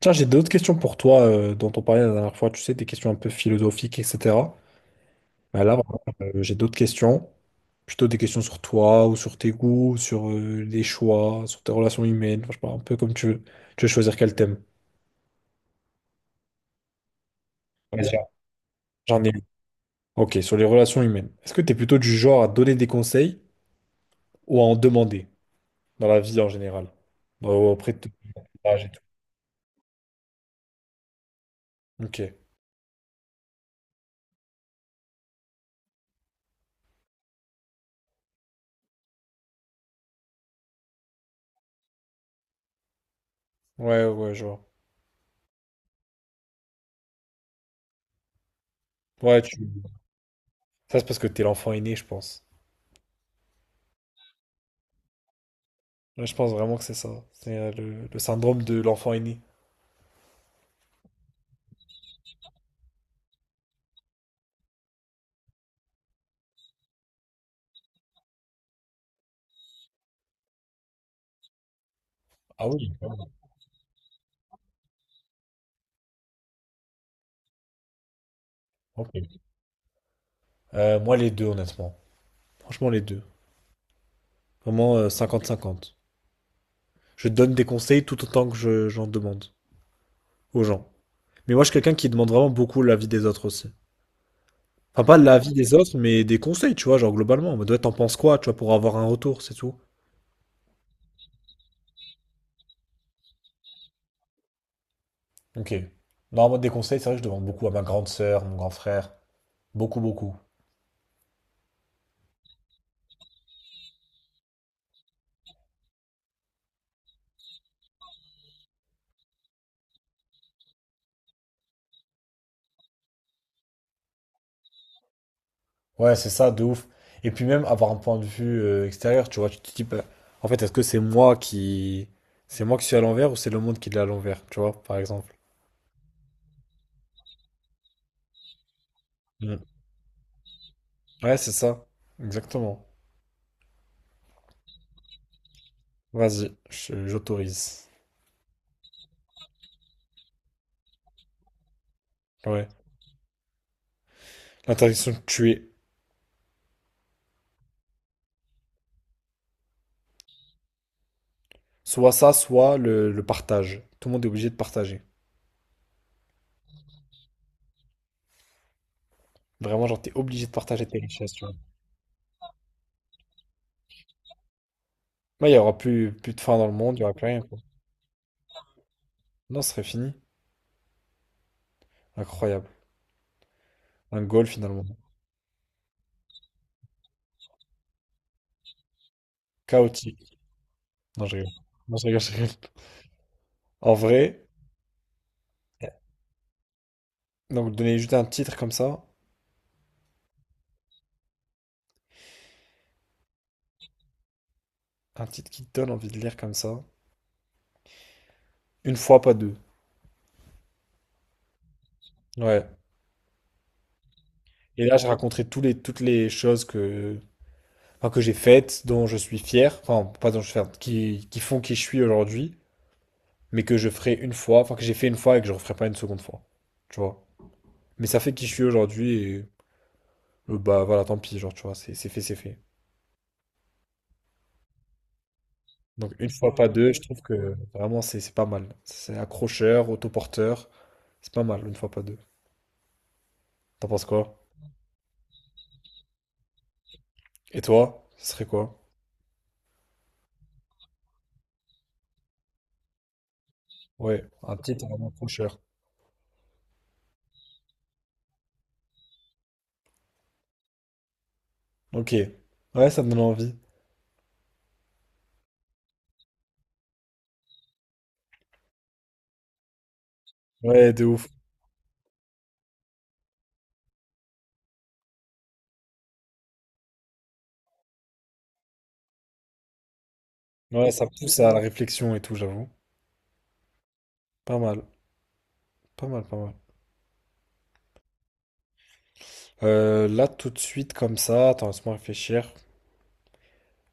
Tiens, j'ai d'autres questions pour toi dont on parlait la dernière fois, tu sais, des questions un peu philosophiques, etc. Mais là, vraiment, j'ai d'autres questions, plutôt des questions sur toi ou sur tes goûts, sur les choix, sur tes relations humaines, enfin, je sais pas, un peu comme tu veux. Tu veux choisir quel thème? Vas-y, j'en ai une. Ok, sur les relations humaines. Est-ce que tu es plutôt du genre à donner des conseils ou à en demander dans la vie en général? Auprès de ton entourage et tout. Ok. Ouais, ouais, je vois. Ouais, tu... Ça c'est parce que t'es l'enfant aîné, je pense. Ouais, je pense vraiment que c'est ça. C'est le syndrome de l'enfant aîné. Ah oui, ok. Moi, les deux, honnêtement. Franchement, les deux. Vraiment 50-50. Je donne des conseils tout autant que j'en demande aux gens. Mais moi, je suis quelqu'un qui demande vraiment beaucoup l'avis des autres aussi. Enfin, pas l'avis des autres, mais des conseils, tu vois, genre globalement. En mode, ouais, t'en penses quoi, tu vois, pour avoir un retour, c'est tout. Ok. Non, en mode des conseils, c'est vrai que je demande beaucoup à ma grande sœur, mon grand frère. Beaucoup, beaucoup. Ouais, c'est ça, de ouf. Et puis même avoir un point de vue extérieur, tu vois, tu te dis, bah, en fait, est-ce que c'est moi qui... C'est moi qui suis à l'envers ou c'est le monde qui est à l'envers, tu vois, par exemple. Mm. Ouais, c'est ça. Exactement. Vas-y, j'autorise. Ouais. L'interdiction de tuer. Soit ça, soit le partage. Tout le monde est obligé de partager. Vraiment, genre, t'es obligé de partager tes richesses, tu vois. Là, il y aura plus, plus de faim dans le monde, il y aura plus rien, quoi. Non, ce serait fini. Incroyable. Un goal, finalement. Chaotique. Non, je rigole. Non, je rigole, je rigole. En vrai... Ouais. Donc donner juste un titre comme ça, un titre qui te donne envie de lire comme ça, une fois pas deux. Ouais. Et là, je raconterai tous les, toutes les choses que, enfin, que j'ai faites, dont je suis fier, enfin pas dont je suis fier, qui font qui je suis aujourd'hui, mais que je ferai une fois, enfin que j'ai fait une fois et que je referai pas une seconde fois. Tu vois. Mais ça fait qui je suis aujourd'hui et bah voilà, tant pis, genre tu vois, c'est fait, c'est fait. Donc une fois pas deux, je trouve que vraiment c'est pas mal. C'est accrocheur, autoporteur, c'est pas mal une fois pas deux. T'en penses quoi? Et toi, ce serait quoi? Ouais, un petit vraiment trop cher. Ok. Ouais, ça me donne envie. Ouais, de ouf. Ouais, ça pousse à la réflexion et tout, j'avoue. Pas mal, pas mal, pas mal. Là, tout de suite, comme ça, attends, laisse-moi réfléchir.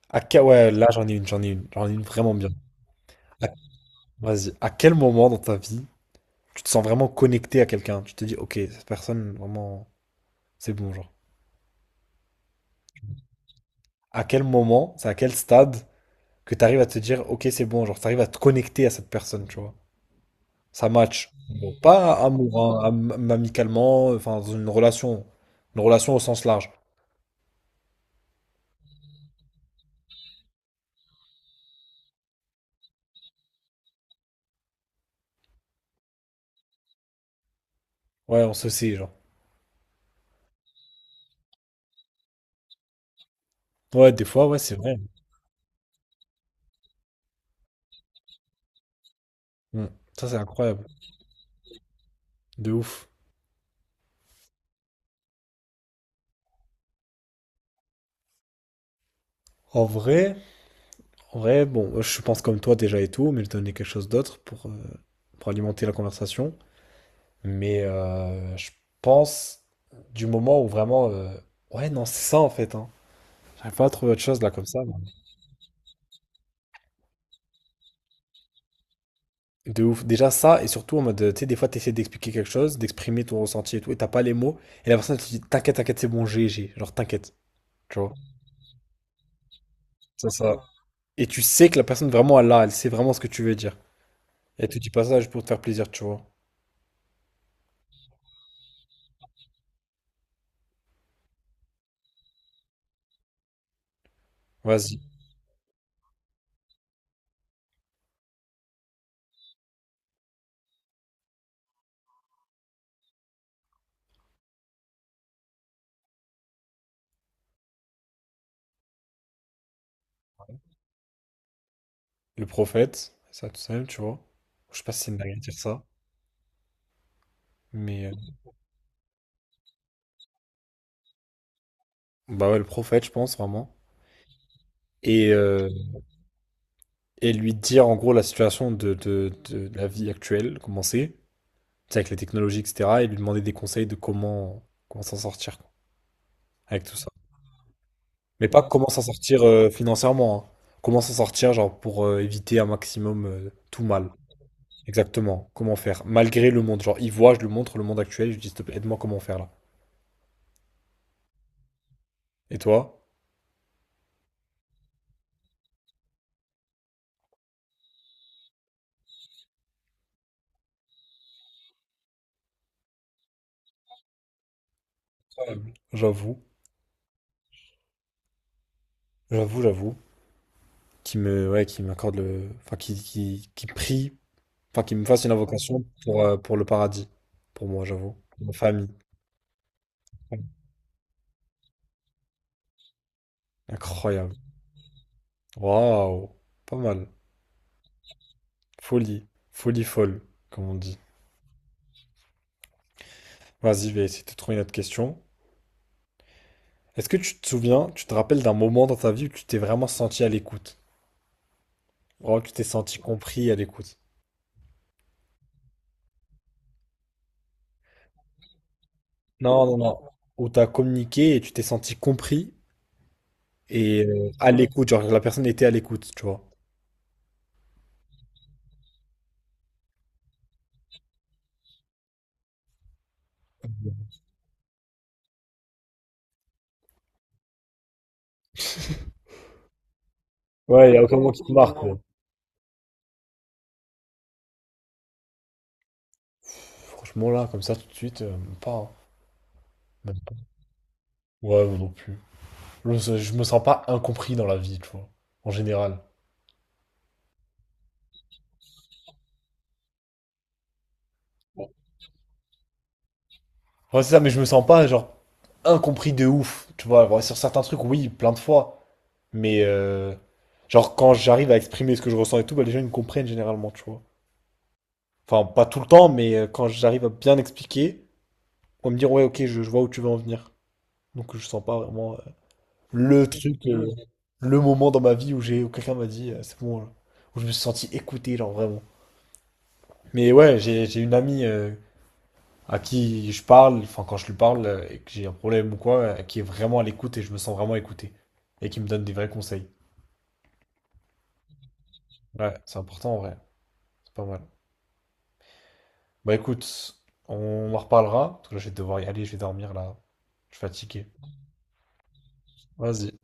Ouais, là, j'en ai une vraiment bien. À- Vas-y. À quel moment dans ta vie tu te sens vraiment connecté à quelqu'un? Tu te dis, ok, cette personne, vraiment, c'est bon, genre. À quel moment, c'est à quel stade que tu arrives à te dire, ok, c'est bon, genre, tu arrives à te connecter à cette personne, tu vois? Ça match. Bon, pas amour, hein, amicalement, enfin, dans une relation. Une relation au sens large. Ouais, on se sait, genre. Ouais, des fois, ouais, c'est vrai. Mm. Ça, c'est incroyable. De ouf. En vrai, en vrai, bon, je pense comme toi déjà et tout, mais je donnais quelque chose d'autre pour alimenter la conversation. Mais je pense du moment où vraiment. Ouais, non, c'est ça en fait. Hein. J'arrive pas à trouver autre chose là comme ça. De ouf. Déjà ça, et surtout en mode, tu sais, des fois, t'essaies d'expliquer quelque chose, d'exprimer ton ressenti et tout, et t'as pas les mots, et la personne te dit, t'inquiète, t'inquiète, c'est bon, j'ai, j'ai. Genre, t'inquiète, tu vois. Ça, ça. Et tu sais que la personne vraiment, elle a, elle sait vraiment ce que tu veux dire. Et elle te dit pas ça juste pour te faire plaisir, tu vois. Vas-y. Le prophète, ça, tout seul tu vois. Je sais pas si c'est une dinguerie de dire ça, mais. Bah ouais, le prophète, je pense, vraiment. Et, euh, et lui dire, en gros, la situation de la vie actuelle, comment c'est, tu sais, avec les technologies, etc., et lui demander des conseils de comment, comment s'en sortir, quoi. Avec tout ça. Mais pas comment s'en sortir financièrement. Hein. Comment s'en sortir, genre, pour éviter un maximum tout mal. Exactement. Comment faire? Malgré le monde. Genre, il voit, je lui montre le monde actuel, je lui dis, s'il te plaît, aide-moi comment faire là. Et toi? Incroyable. J'avoue, j'avoue, j'avoue. Qui me, ouais, qui m'accorde le. Enfin, qui prie, enfin, qui me fasse une invocation pour le paradis. Pour moi, j'avoue. Ma famille. Incroyable. Waouh. Pas mal. Folie. Folie folle, comme on dit. Vas-y, je vais essayer de trouver une autre question. Est-ce que tu te souviens, tu te rappelles d'un moment dans ta vie où tu t'es vraiment senti à l'écoute? Vraiment que tu t'es senti compris et à l'écoute. Non, non, non. Où t'as communiqué et tu t'es senti compris et à l'écoute. Genre la personne était à l'écoute, tu vois. Ouais, il y a aucun moment qui te marque. Quoi. Franchement, là, comme ça, tout de suite, même pas. Hein. Même pas. Ouais, moi non plus. Je me sens pas incompris dans la vie, tu vois. En général. Ouais, c'est ça, mais je me sens pas, genre, incompris de ouf. Tu vois, ouais, sur certains trucs, oui, plein de fois. Mais, genre, quand j'arrive à exprimer ce que je ressens et tout, bah, les gens, ils me comprennent généralement, tu vois. Enfin, pas tout le temps, mais quand j'arrive à bien expliquer, on va me dire, ouais, ok, je vois où tu veux en venir. Donc, je sens pas vraiment le truc, le moment dans ma vie où j'ai, où quelqu'un m'a dit, c'est bon, là. Où je me suis senti écouté, genre, vraiment. Mais ouais, j'ai une amie à qui je parle, enfin quand je lui parle et que j'ai un problème ou quoi, qui est vraiment à l'écoute et je me sens vraiment écouté et qui me donne des vrais conseils. Ouais, c'est important en vrai, c'est pas mal. Bah écoute, on en reparlera, parce que là je vais devoir y aller, je vais dormir là, je suis fatigué. Vas-y.